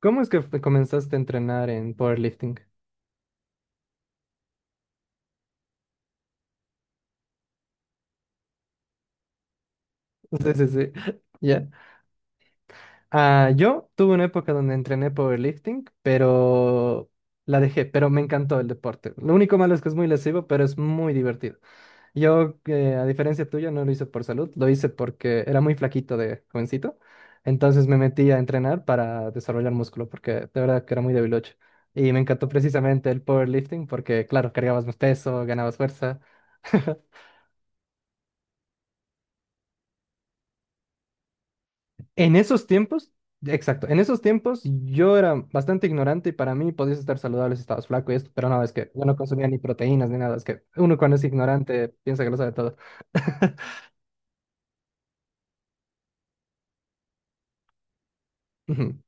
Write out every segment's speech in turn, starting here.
¿Cómo es que comenzaste a entrenar en powerlifting? Sí, sí, sí. Ya. Ah, yo tuve una época donde entrené powerlifting, pero la dejé, pero me encantó el deporte. Lo único malo es que es muy lesivo, pero es muy divertido. Yo, a diferencia tuya, no lo hice por salud, lo hice porque era muy flaquito de jovencito. Entonces me metí a entrenar para desarrollar músculo, porque de verdad que era muy debilucho. Y me encantó precisamente el powerlifting porque, claro, cargabas más peso, ganabas fuerza. En esos tiempos, exacto, en esos tiempos yo era bastante ignorante y para mí podías estar saludable si estabas flaco y esto, pero no, es que yo no consumía ni proteínas ni nada, es que uno cuando es ignorante piensa que lo sabe todo. Ujú.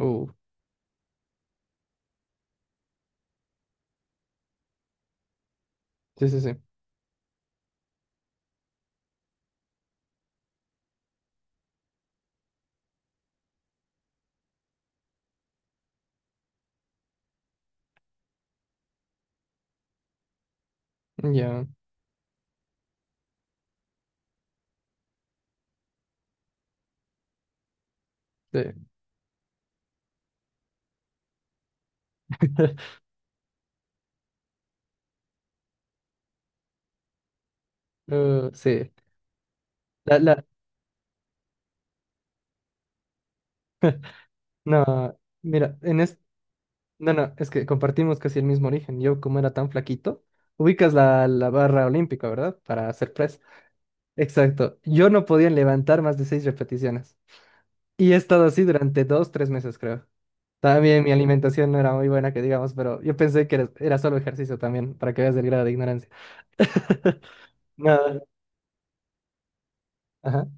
Uh, sí, sí, sí, ya, sí. Sí, la, la, no, mira, no, no, es que compartimos casi el mismo origen, yo como era tan flaquito, ubicas la barra olímpica, ¿verdad? Para hacer press. Exacto, yo no podía levantar más de seis repeticiones. Y he estado así durante dos, tres meses, creo. También mi alimentación no era muy buena, que digamos, pero yo pensé que era solo ejercicio también, para que veas el grado de ignorancia. Nada. Ajá.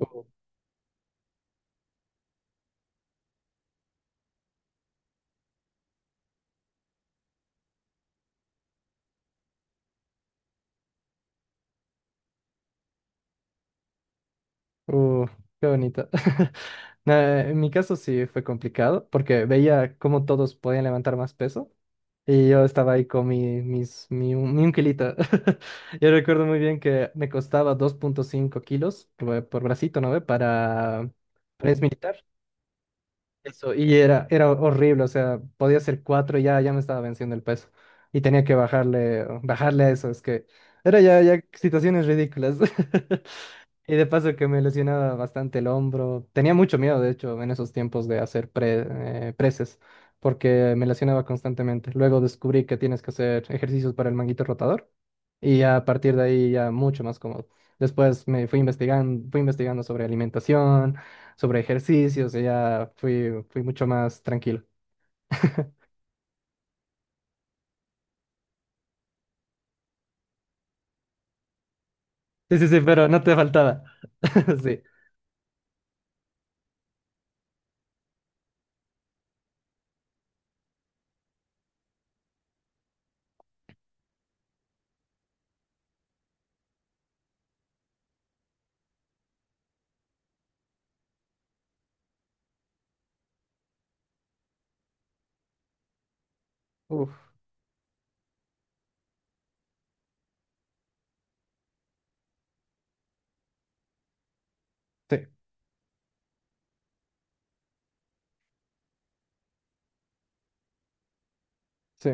Uh, uh, qué bonito. Nada, en mi caso sí fue complicado, porque veía cómo todos podían levantar más peso. Y yo estaba ahí con mi un kilito. Yo recuerdo muy bien que me costaba 2,5 kilos por bracito, ¿no ve? Para es militar. Eso, y era horrible, o sea, podía ser cuatro y ya me estaba venciendo el peso. Y tenía que bajarle, bajarle a eso, es que era ya situaciones ridículas. Y de paso que me lesionaba bastante el hombro. Tenía mucho miedo, de hecho, en esos tiempos de hacer preses, porque me lesionaba constantemente. Luego descubrí que tienes que hacer ejercicios para el manguito rotador y ya a partir de ahí ya mucho más cómodo. Después me fui investigando, sobre alimentación, sobre ejercicios y ya fui mucho más tranquilo. Sí, sí, sí, pero no te faltaba. Sí. Uf, sí, sí.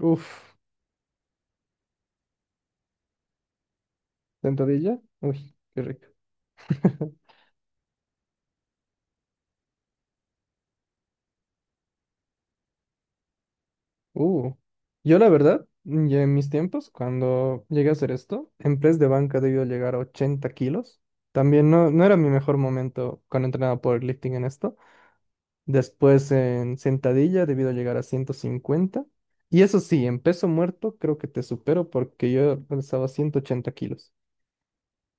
Uf, sentadilla. Uy, qué rico. Uh, yo la verdad, ya en mis tiempos, cuando llegué a hacer esto, en press de banca debió llegar a 80 kilos. También no, no era mi mejor momento cuando entrenaba powerlifting en esto. Después en sentadilla debido a llegar a 150. Y eso sí, en peso muerto creo que te supero porque yo alzaba 180 kilos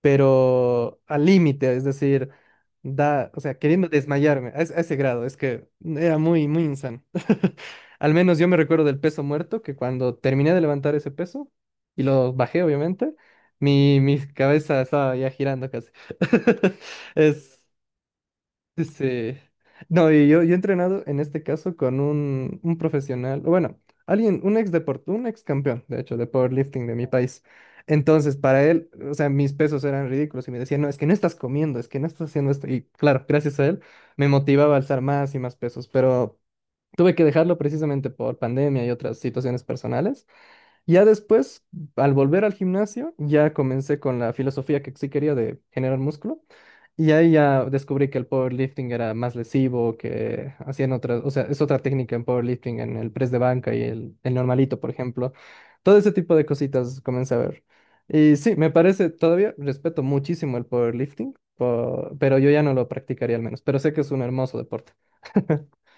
pero al límite, es decir, da, o sea, queriendo desmayarme a, a ese grado, es que era muy, muy insano. Al menos yo me recuerdo del peso muerto, que cuando terminé de levantar ese peso, y lo bajé, obviamente, mi cabeza estaba ya girando casi. Es. Sí. No, y yo he entrenado en este caso con un profesional, o bueno, alguien, un un ex campeón, de hecho, de powerlifting de mi país. Entonces, para él, o sea, mis pesos eran ridículos y me decía, no, es que no estás comiendo, es que no estás haciendo esto. Y claro, gracias a él, me motivaba a alzar más y más pesos, pero tuve que dejarlo precisamente por pandemia y otras situaciones personales. Ya después, al volver al gimnasio, ya comencé con la filosofía que sí quería de generar músculo. Y ahí ya descubrí que el powerlifting era más lesivo, que hacían otras, o sea, es otra técnica en powerlifting, en el press de banca y el normalito, por ejemplo. Todo ese tipo de cositas comencé a ver. Y sí, me parece, todavía respeto muchísimo el powerlifting, pero yo ya no lo practicaría al menos, pero sé que es un hermoso deporte.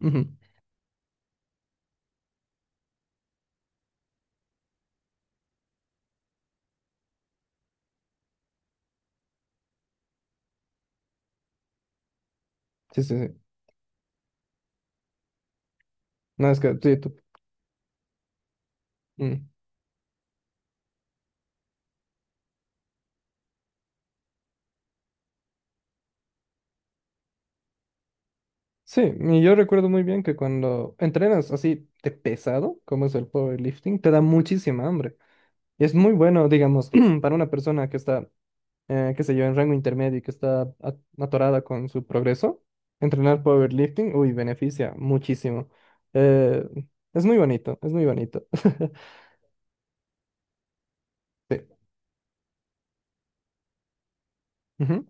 Ujú. Sí, sí, sí. No, es que sí, tú- mm. Sí, y yo recuerdo muy bien que cuando entrenas así de pesado, como es el powerlifting, te da muchísima hambre. Es muy bueno, digamos, para una persona que está, qué sé yo, en rango intermedio y que está atorada con su progreso, entrenar powerlifting, uy, beneficia muchísimo. Eh, es muy bonito, es muy bonito. Sí. Ujú,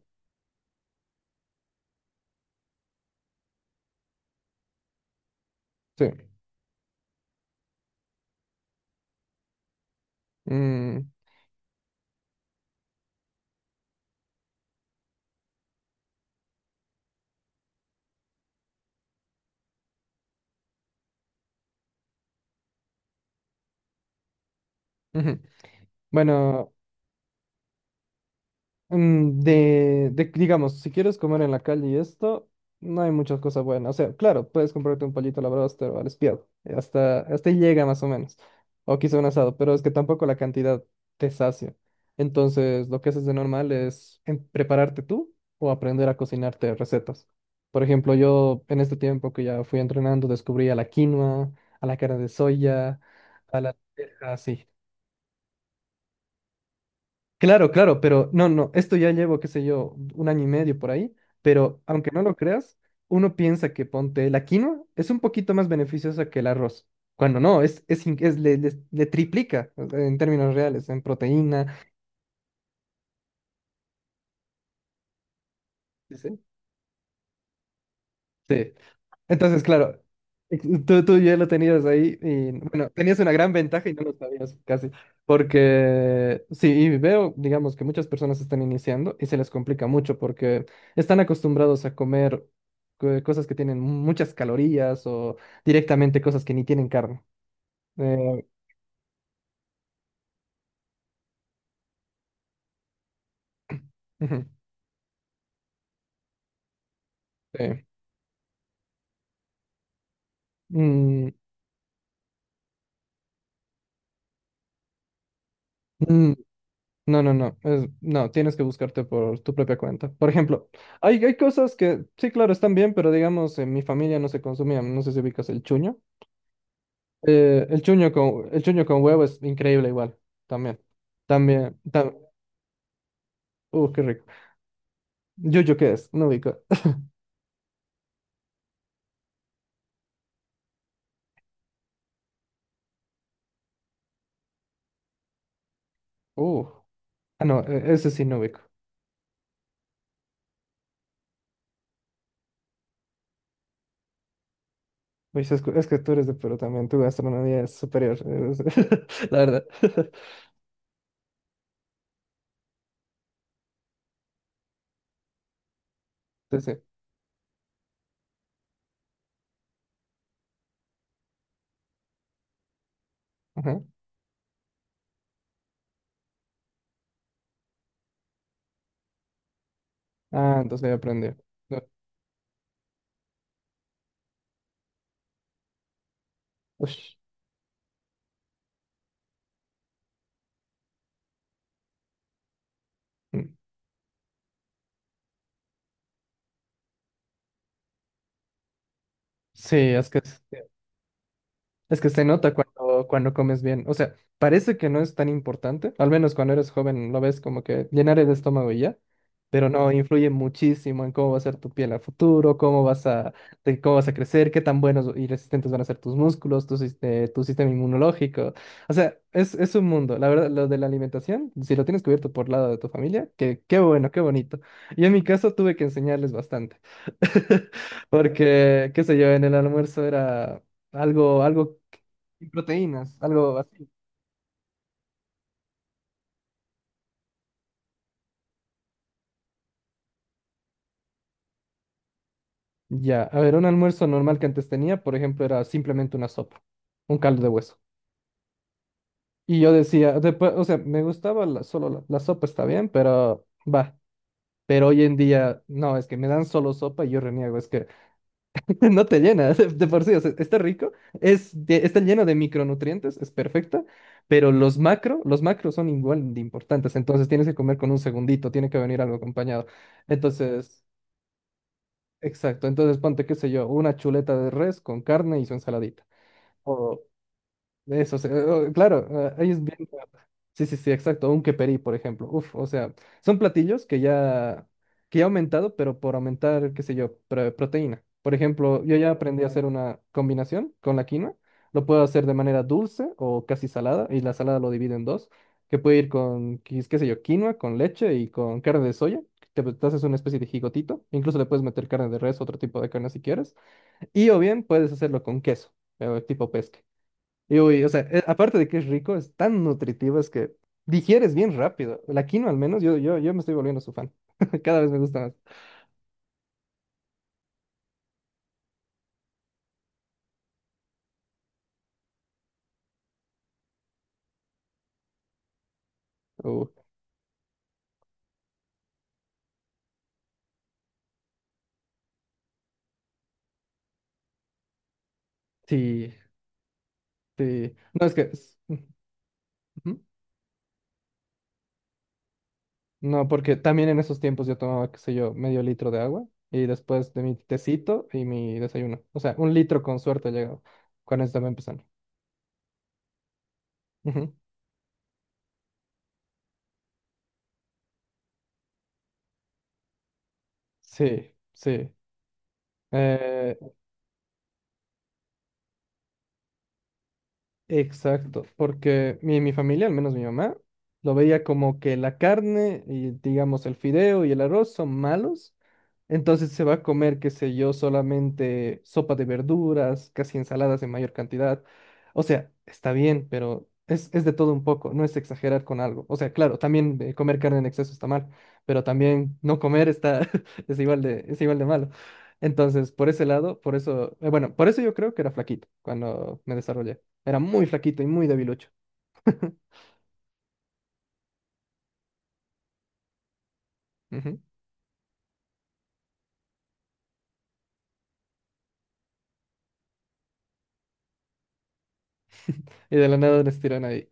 sí. Mm, ujú. Bueno. De, digamos, si quieres comer en la calle y esto, no hay muchas cosas buenas. O sea, claro, puedes comprarte un pollito a la broster o al espiado. Hasta, hasta ahí llega más o menos. O quizá un asado, pero es que tampoco la cantidad te sacia. Entonces, lo que haces de normal es prepararte tú o aprender a cocinarte recetas. Por ejemplo, yo en este tiempo que ya fui entrenando, descubrí a la quinoa, a la carne de soya, a la lenteja, así. Claro, claro, pero no, no, esto ya llevo, qué sé yo, un año y medio por ahí, pero aunque no lo creas, uno piensa que ponte la quinoa es un poquito más beneficiosa que el arroz, cuando no, es, in- es- le- le triplica o sea, en términos reales, en proteína. Sí, sí. Sí. Entonces, claro, tú ya lo tenías ahí y bueno, tenías una gran ventaja y no lo sabías casi, porque sí, y veo, digamos, que muchas personas están iniciando y se les complica mucho porque están acostumbrados a comer cosas que tienen muchas calorías o directamente cosas que ni tienen carne. Eh, ujú, sí. Mm, mm. No, no, no, no, tienes que buscarte por tu propia cuenta. Por ejemplo, hay cosas que sí, claro, están bien, pero digamos, en mi familia no se consumían, no sé si ubicas el chuño. El chuño con huevo es increíble igual, también. También, tam- qué rico. Yuyo, ¿qué es? No ubico. Uh, ah, no, ese sí no ubico. Uy, que es que tú eres de Perú también, tu gastronomía es superior, es- la verdad. Sí, sí. Ajá. Ah, entonces ya aprendí. No. Ush. Mm. Sí, es que es. Es que se nota cuando, cuando comes bien. O sea, parece que no es tan importante. Al menos cuando eres joven lo ves como que llenar el estómago y ya. Pero no, influye muchísimo en cómo va a ser tu piel a futuro, cómo vas a, de cómo vas a crecer, qué tan buenos y resistentes van a ser tus músculos, tu, tu sistema inmunológico. O sea, es un mundo. La verdad, lo de la alimentación, si lo tienes cubierto por lado de tu familia, que, qué bueno, qué bonito. Yo en mi caso tuve que enseñarles bastante. Porque, qué sé yo, en el almuerzo era algo sin proteínas, algo así. Ya, a ver, un almuerzo normal que antes tenía, por ejemplo, era simplemente una sopa, un caldo de hueso. Y yo decía, después, o sea, me gustaba la, solo la sopa, está bien, pero va. Pero hoy en día, no, es que me dan solo sopa y yo reniego, es que no te llena, de por sí, o sea, está rico, está lleno de micronutrientes, es perfecta, pero los macro, los macros son igual de importantes, entonces tienes que comer con un segundito, tiene que venir algo acompañado. Entonces, exacto, entonces ponte, qué sé yo, una chuleta de res con carne y su ensaladita. O eso, claro, ahí es bien. Sí, sí, sí, exacto. Un queperi, por ejemplo. Uf, o sea, son platillos que ya, ha aumentado, pero por aumentar, qué sé yo, proteína. Por ejemplo, yo ya aprendí a hacer una combinación con la quinoa. Lo puedo hacer de manera dulce o casi salada, y la salada lo divido en dos, que puede ir con, qué sé yo, quinoa, con leche y con carne de soya. Te haces una especie de gigotito. Incluso le puedes meter carne de res, otro tipo de carne si quieres. Y o bien puedes hacerlo con queso, tipo pesca. Y uy, o sea, aparte de que es rico, es tan nutritivo, es que digieres bien rápido. La quinoa al menos, yo me estoy volviendo su fan. Cada vez me gusta más. Uh, sí, sí. No, es que... ujú. No, porque también en esos tiempos yo tomaba, qué sé yo, medio litro de agua y después de mi tecito y mi desayuno. O sea, un litro con suerte llegaba cuando estaba empezando. Ujú. Sí, sí. Eh, exacto, porque mi familia, al menos mi mamá, lo veía como que la carne y digamos el fideo y el arroz son malos entonces se va a comer, qué sé yo, solamente sopa de verduras, casi ensaladas en mayor cantidad. O sea, está bien, pero es de todo un poco, no es exagerar con algo. O sea, claro, también comer carne en exceso está mal, pero también no comer está, es igual de malo. Entonces, por ese lado, por eso, bueno, por eso yo creo que era flaquito cuando me desarrollé. Era muy flaquito y muy debilucho. Ujú. Y de la nada les tiran ahí.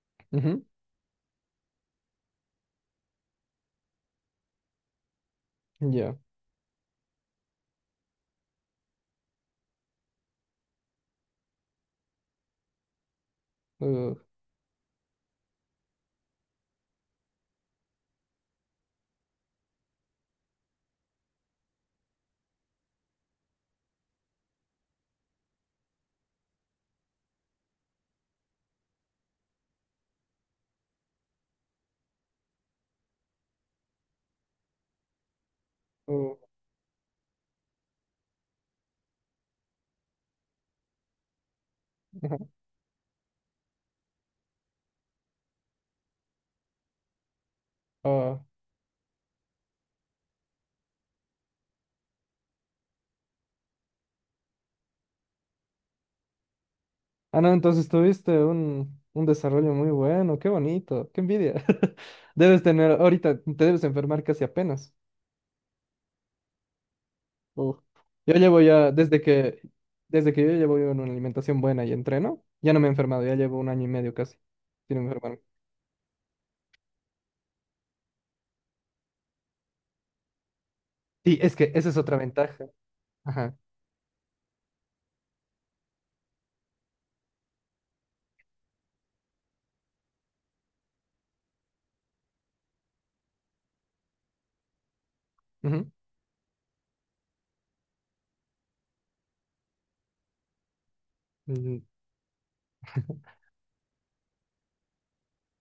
Ujú, ya. Uh, uh, ajá, ah. Ah, no, entonces tuviste un desarrollo muy bueno, qué bonito, qué envidia. Debes tener, ahorita te debes enfermar casi apenas. Uf. Yo llevo ya, desde que yo llevo yo una alimentación buena y entreno, ya no me he enfermado, ya llevo un año y medio casi sin enfermarme. Sí, es que esa es otra ventaja. Ajá. Ujú. Mm,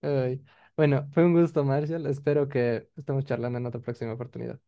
ay. Bueno, fue un gusto, Marshall. Espero que estemos charlando en otra próxima oportunidad.